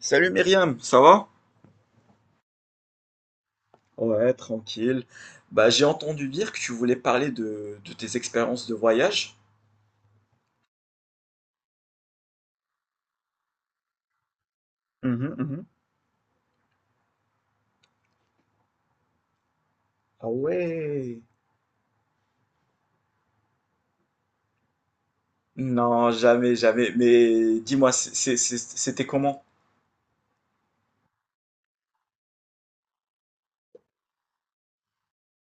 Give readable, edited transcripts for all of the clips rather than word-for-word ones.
Salut Myriam, ça va? Ouais, tranquille. Bah, j'ai entendu dire que tu voulais parler de tes expériences de voyage. Mhm, mhm. Ah ouais. Non, jamais, jamais. Mais dis-moi, c'était comment?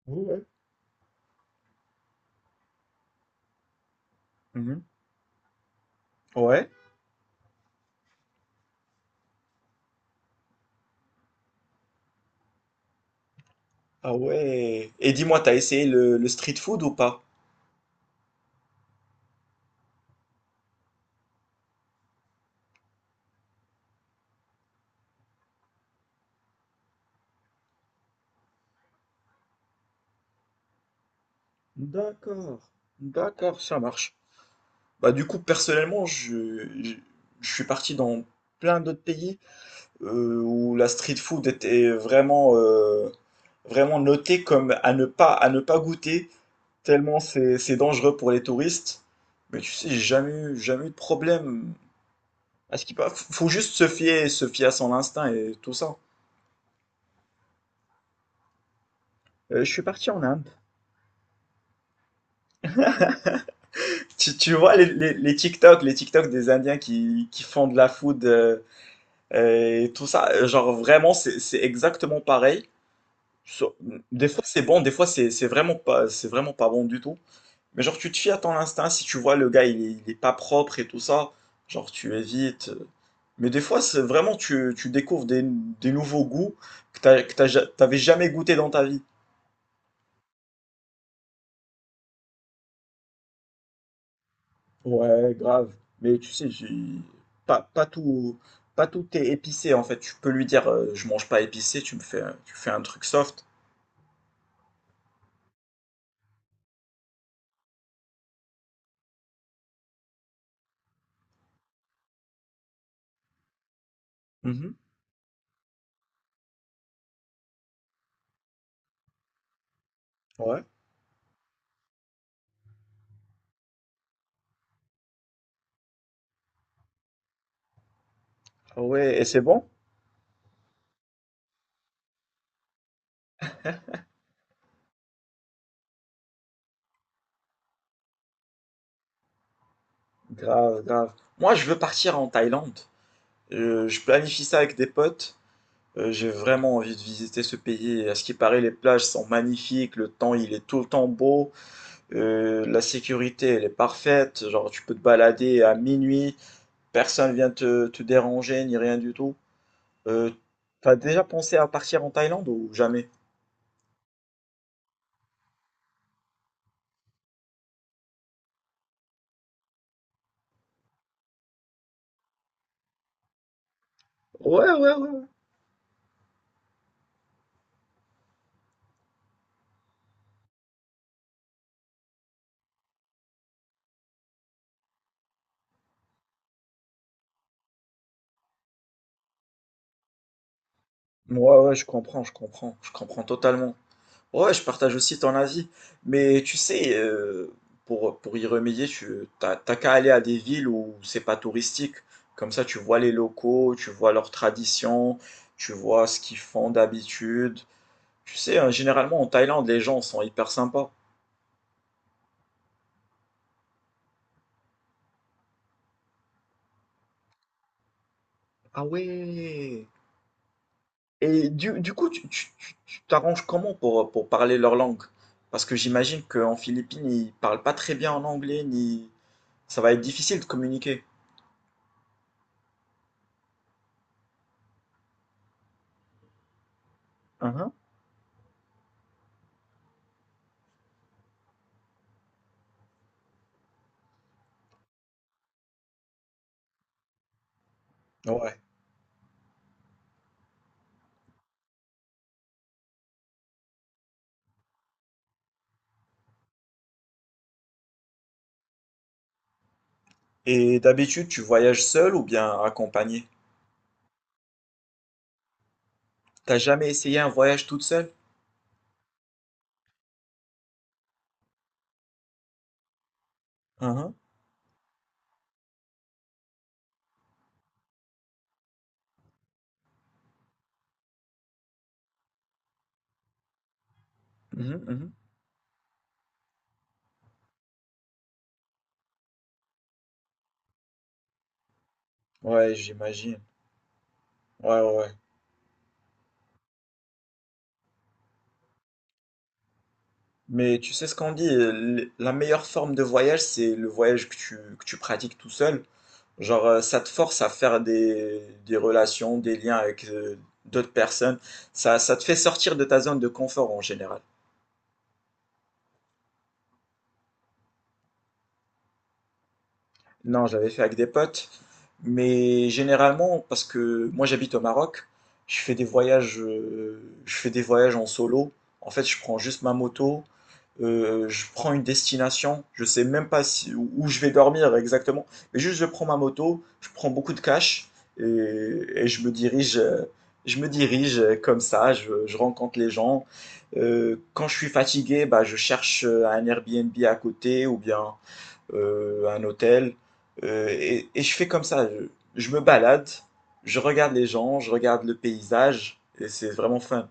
Ouais. Mhm. Ouais. Ah ouais. Et dis-moi, t'as essayé le street food ou pas? D'accord. D'accord, ça marche. Bah du coup, personnellement, je suis parti dans plein d'autres pays, où la street food était vraiment, vraiment notée comme à ne pas goûter, tellement c'est dangereux pour les touristes. Mais tu sais, j'ai jamais eu de problème. À ce qui faut juste se fier à son instinct et tout ça. Je suis parti en Inde. Tu vois les TikTok des Indiens qui font de la food et tout ça, genre vraiment c'est exactement pareil. Sur- Des fois c'est bon, des fois c'est vraiment pas, c'est vraiment pas bon du tout. Mais genre, tu te fies à ton instinct, si tu vois le gars, il est pas propre et tout ça, genre, tu évites. Mais des fois, c'est vraiment, tu découvres des nouveaux goûts t'avais jamais goûté dans ta vie. Ouais, grave. Mais tu sais, pas, pas tout, pas tout est épicé, en fait. Tu peux lui dire, je mange pas épicé, tu fais un truc soft. Mhm. Ouais. Ah ouais, et c'est bon? Grave, grave. Moi, je veux partir en Thaïlande. Je planifie ça avec des potes. J'ai vraiment envie de visiter ce pays. À ce qui paraît, les plages sont magnifiques, le temps il est tout le temps beau, la sécurité elle est parfaite, genre tu peux te balader à minuit, personne vient te déranger ni rien du tout. Euh, T'as déjà pensé à partir en Thaïlande ou jamais? Ouais, ouais, ouais. Ouais, ouais, je comprends, je comprends, je comprends totalement. Ouais, je partage aussi ton avis. Mais tu sais, pour y remédier, t'as qu'à aller à des villes où c'est pas touristique. Comme ça, tu vois les locaux, tu vois leurs traditions, tu vois ce qu'ils font d'habitude. Tu sais, hein, généralement en Thaïlande, les gens sont hyper sympas. Ah ouais. Et du coup, tu t'arranges comment pour parler leur langue? Parce que j'imagine qu'en Philippines, ils parlent pas très bien en anglais, ni. Ça va être difficile de communiquer. Mhm. Ouais. Et d'habitude, tu voyages seul ou bien accompagné? T'as jamais essayé un voyage toute seule? Uhum, mhm, mhm. Ouais, j'imagine. Ouais, ouais, ouais. Mais tu sais ce qu'on dit, la meilleure forme de voyage, c'est le voyage que tu pratiques tout seul. Genre, ça te force à faire des relations, des liens avec d'autres personnes. Ça te fait sortir de ta zone de confort en général. Non, je l'avais fait avec des potes, mais généralement, parce que moi j'habite au Maroc, je fais des voyages en solo. En fait, je prends juste ma moto, je prends une destination, je sais même pas où je vais dormir exactement, mais juste je prends ma moto, je prends beaucoup de cash et je me dirige comme ça, je rencontre les gens. Quand je suis fatigué, bah, je cherche un Airbnb à côté ou bien un hôtel, et je fais comme ça. Je me balade, je regarde les gens, je regarde le paysage, et c'est vraiment fun.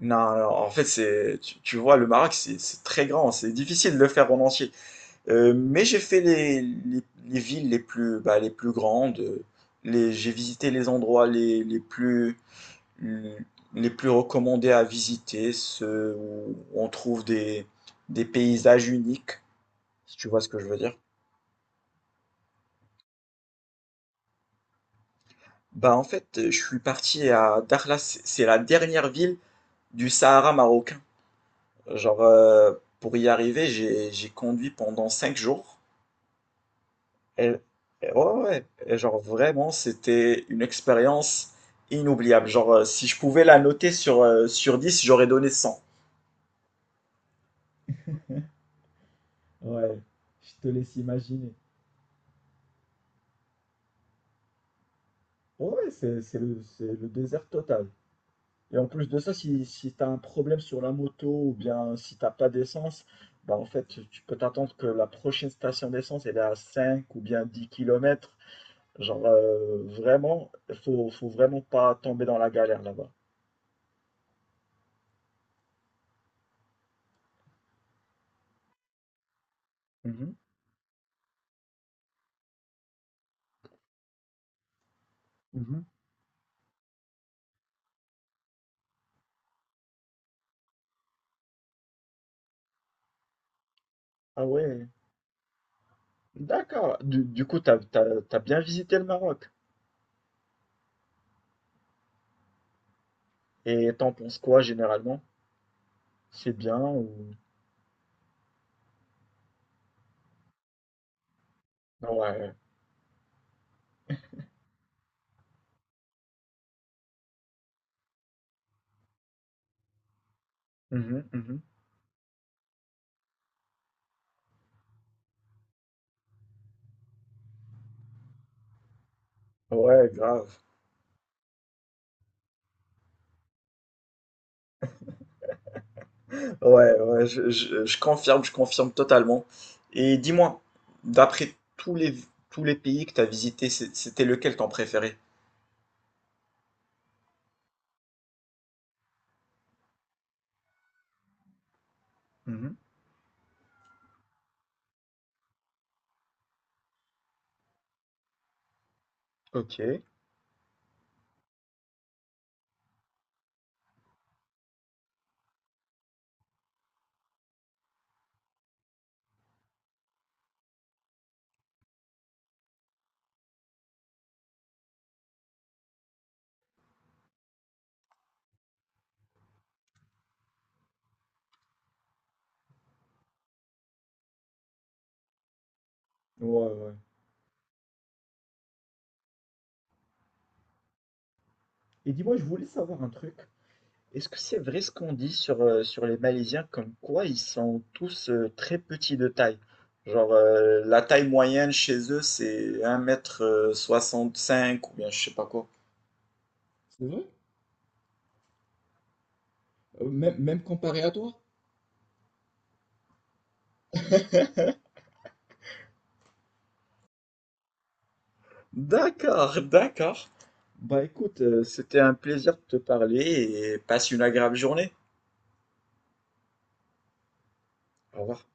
Non, non, en fait, c'est, tu vois, le Maroc, c'est très grand, c'est difficile de le faire en entier. Mais j'ai fait les villes les plus grandes, j'ai visité les endroits les plus recommandés à visiter, ceux où on trouve des paysages uniques, si tu vois ce que je veux dire. Bah en fait, je suis parti à Dakhla, c'est la dernière ville du Sahara marocain. Genre, pour y arriver, j'ai conduit pendant 5 jours. Et, et ouais, ouais, ouais. Et genre vraiment, c'était une expérience inoubliable. Genre, si je pouvais la noter sur, sur 10, j'aurais donné 100. Ouais, je te laisse imaginer. Ouais, c'est le désert total. Et en plus de ça, si tu as un problème sur la moto ou bien si t'as pas d'essence, bah en fait, tu peux t'attendre que la prochaine station d'essence, elle est à 5 ou bien 10 kilomètres. Genre, vraiment, faut vraiment pas tomber dans la galère là-bas. Mhm, mhm. Ah ouais, d'accord. Du coup, t'as bien visité le Maroc. Et t'en penses quoi généralement? C'est bien ou. Ouais, mhm, mhm. Ouais, grave. Ouais, ouais, je confirme totalement. Et dis-moi, d'après tous les pays que tu as visités, c'était lequel ton préféré? Mhm. Ok. Ouais, ouais. Et dis-moi, je voulais savoir un truc. Est-ce que c'est vrai ce qu'on dit sur les Malaisiens, comme quoi ils sont tous très petits de taille? Genre, la taille moyenne chez eux, c'est un mètre 65 ou bien je sais pas quoi. C'est vrai? Même comparé à toi? D'accord, d'accord. Bah écoute, c'était un plaisir de te parler et passe une agréable journée. Au revoir.